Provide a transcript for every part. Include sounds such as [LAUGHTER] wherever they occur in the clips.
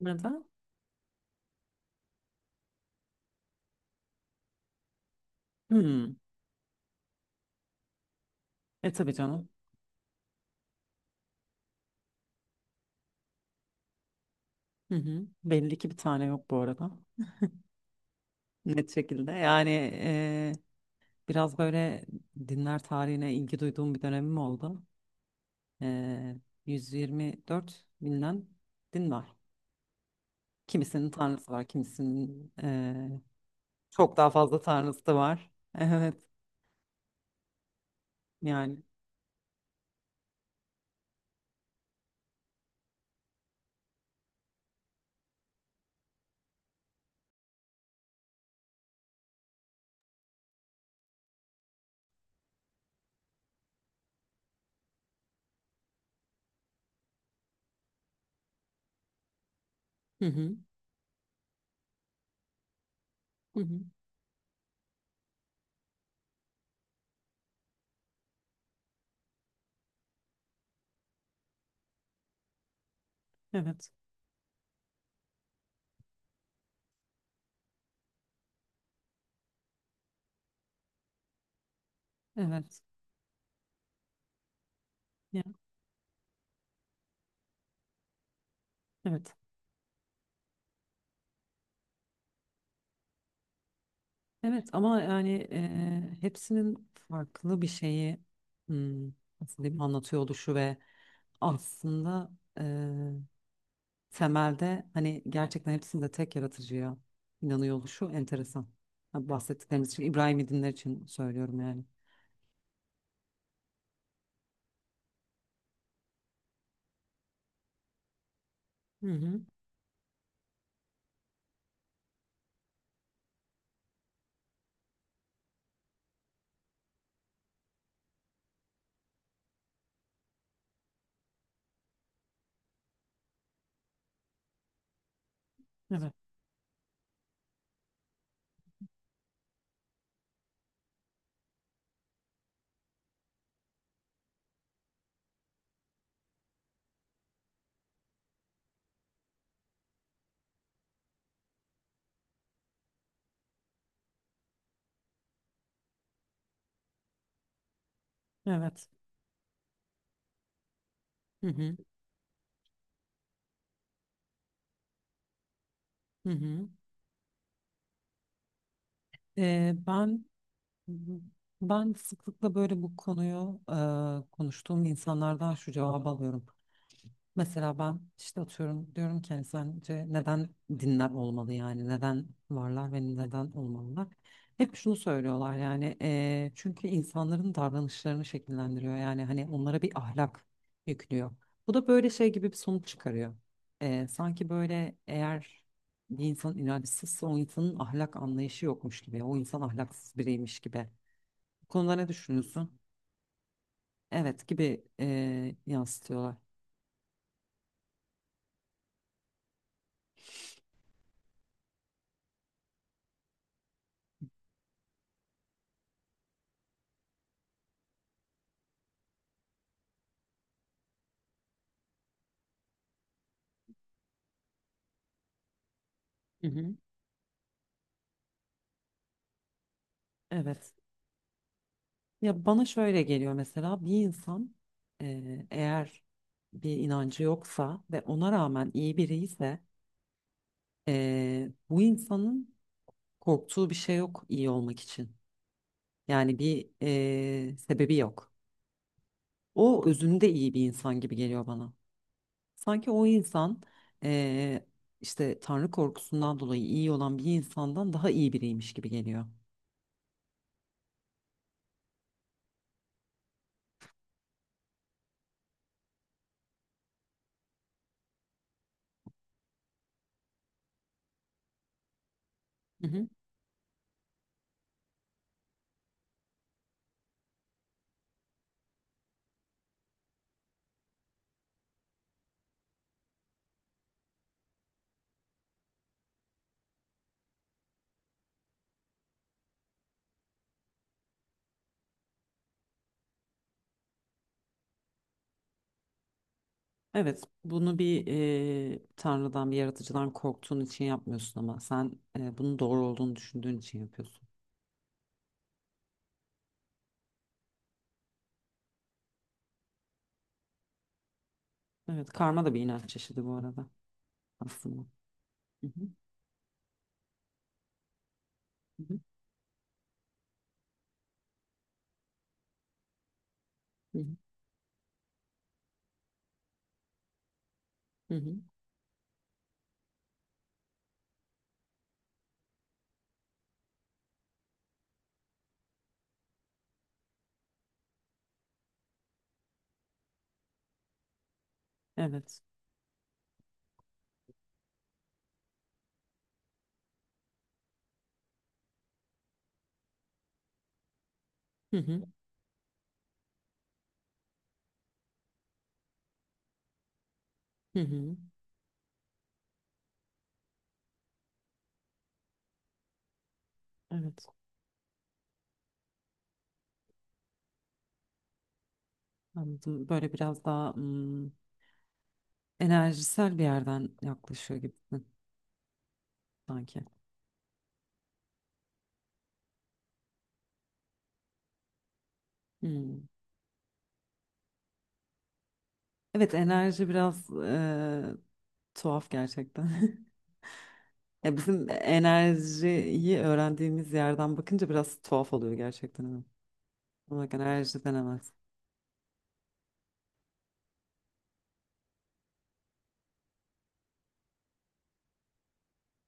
Neden? Hmm. E tabii canım. Hı hı. Belli ki bir tane yok bu arada. Net şekilde. Yani e, biraz böyle dinler tarihine ilgi duyduğum bir dönemim oldu. E, 124 binden din var. Kimisinin tanrısı var, kimisinin çok daha fazla tanrısı da var. [LAUGHS] Evet, yani. Hı hı. Hı hı. Evet, evet. Ya, evet. Evet ama yani hepsinin farklı bir şeyi hmm, nasıl diyeyim anlatıyor oluşu ve aslında e, temelde hani gerçekten hepsinde tek yaratıcıya inanıyor oluşu enteresan. Ha, bahsettiklerimiz için İbrahim'i dinler için söylüyorum yani. Hı hı. Evet. Evet. Hı hı. Hı hı. E, ben ben sıklıkla böyle bu konuyu konuştuğum insanlardan şu cevabı alıyorum. Mesela ben işte atıyorum diyorum ki hani sence neden dinler olmalı, yani neden varlar ve neden olmalılar? Hep şunu söylüyorlar, yani çünkü insanların davranışlarını şekillendiriyor, yani hani onlara bir ahlak yüklüyor. Bu da böyle şey gibi bir sonuç çıkarıyor. Sanki böyle, eğer bir insan inançsızsa o insanın ahlak anlayışı yokmuş gibi, o insan ahlaksız biriymiş gibi. Bu konuda ne düşünüyorsun? Evet gibi yansıtıyorlar. Hı hı. Evet. Ya bana şöyle geliyor: mesela bir insan, eğer bir inancı yoksa ve ona rağmen iyi biri ise, bu insanın korktuğu bir şey yok iyi olmak için. Yani bir sebebi yok. O özünde iyi bir insan gibi geliyor bana. Sanki o insan eee, işte Tanrı korkusundan dolayı iyi olan bir insandan daha iyi biriymiş gibi geliyor. Evet, bunu bir tanrıdan, bir yaratıcıdan korktuğun için yapmıyorsun, ama sen bunun doğru olduğunu düşündüğün için yapıyorsun. Evet, karma da bir inanç çeşidi bu arada aslında. Hı hı, hı hı, hı hı, hı hı. Evet. Hı hı, hı hı. Evet, anladım. Böyle biraz daha hmm, enerjisel bir yerden yaklaşıyor gibisin sanki. Hmm. Evet, enerji biraz tuhaf gerçekten. [LAUGHS] Ya bizim enerjiyi öğrendiğimiz yerden bakınca biraz tuhaf oluyor gerçekten. Ama. Ama bak, enerji denemez.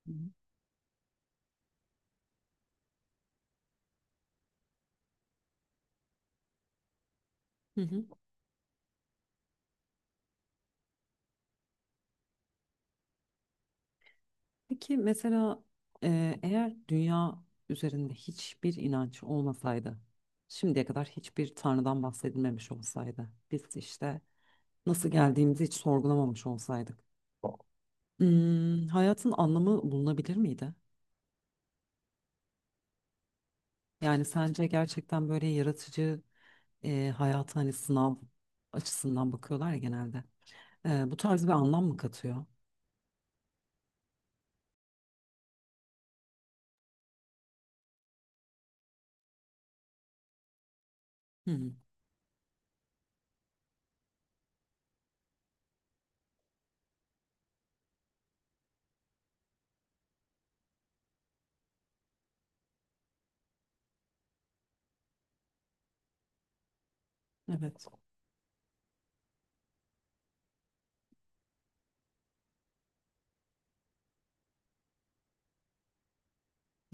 Hı hı. Hı hı. Peki mesela eğer dünya üzerinde hiçbir inanç olmasaydı, şimdiye kadar hiçbir tanrıdan bahsedilmemiş olsaydı, biz işte nasıl geldiğimizi hiç sorgulamamış olsaydık, hmm, hayatın anlamı bulunabilir miydi? Yani sence gerçekten böyle yaratıcı, hayata hani sınav açısından bakıyorlar ya genelde. Bu tarz bir anlam mı katıyor? Hı hı. Evet,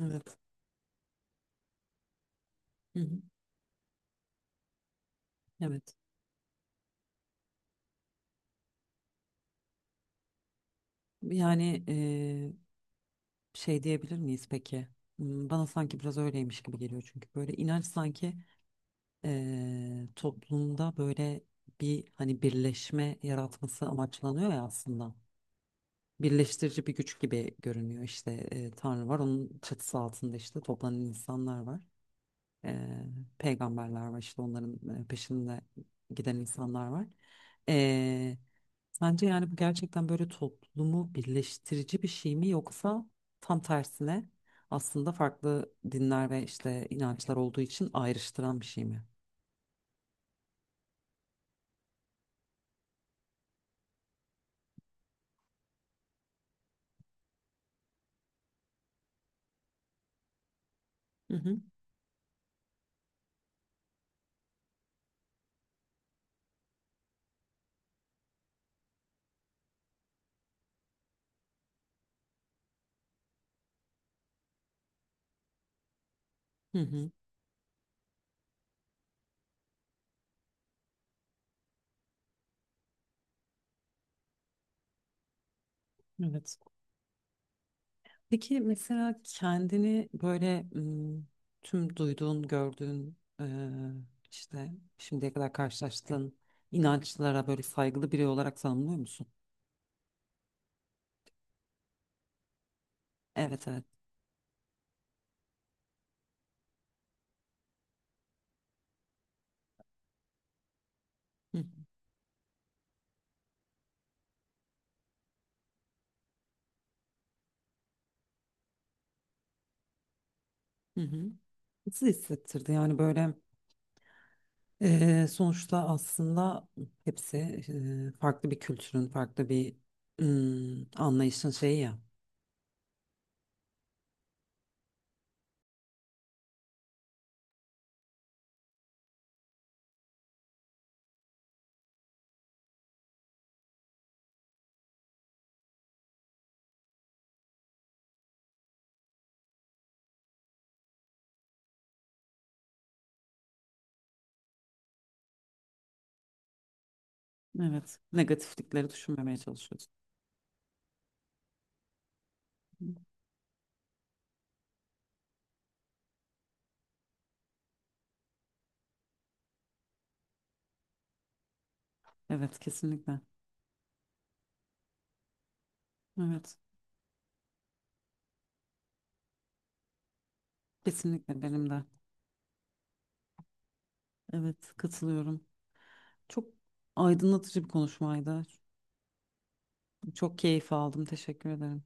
evet, hı hı. Evet. Yani şey diyebilir miyiz peki? Hmm, bana sanki biraz öyleymiş gibi geliyor, çünkü böyle inanç sanki toplumda böyle bir hani birleşme yaratması amaçlanıyor ya aslında. Birleştirici bir güç gibi görünüyor işte; Tanrı var, onun çatısı altında işte toplanan insanlar var. Eee, Peygamberler var, işte onların peşinde giden insanlar var. Eee, Sence yani bu gerçekten böyle toplumu birleştirici bir şey mi, yoksa tam tersine, aslında farklı dinler ve işte inançlar olduğu için ayrıştıran bir şey mi? Hı hı. Hı hı. Evet. Peki mesela kendini böyle ım, tüm duyduğun, gördüğün, işte şimdiye kadar karşılaştığın inançlara böyle saygılı biri olarak tanımlıyor musun? Evet, evet. Hı hı. Hı. Nasıl hissettirdi yani böyle? Sonuçta aslında hepsi farklı bir kültürün, farklı bir ım, anlayışın şeyi ya. Evet, negatiflikleri düşünmemeye çalışıyoruz. Evet, kesinlikle. Evet, kesinlikle benim de. Evet, katılıyorum. Çok aydınlatıcı bir konuşmaydı. Çok keyif aldım. Teşekkür ederim.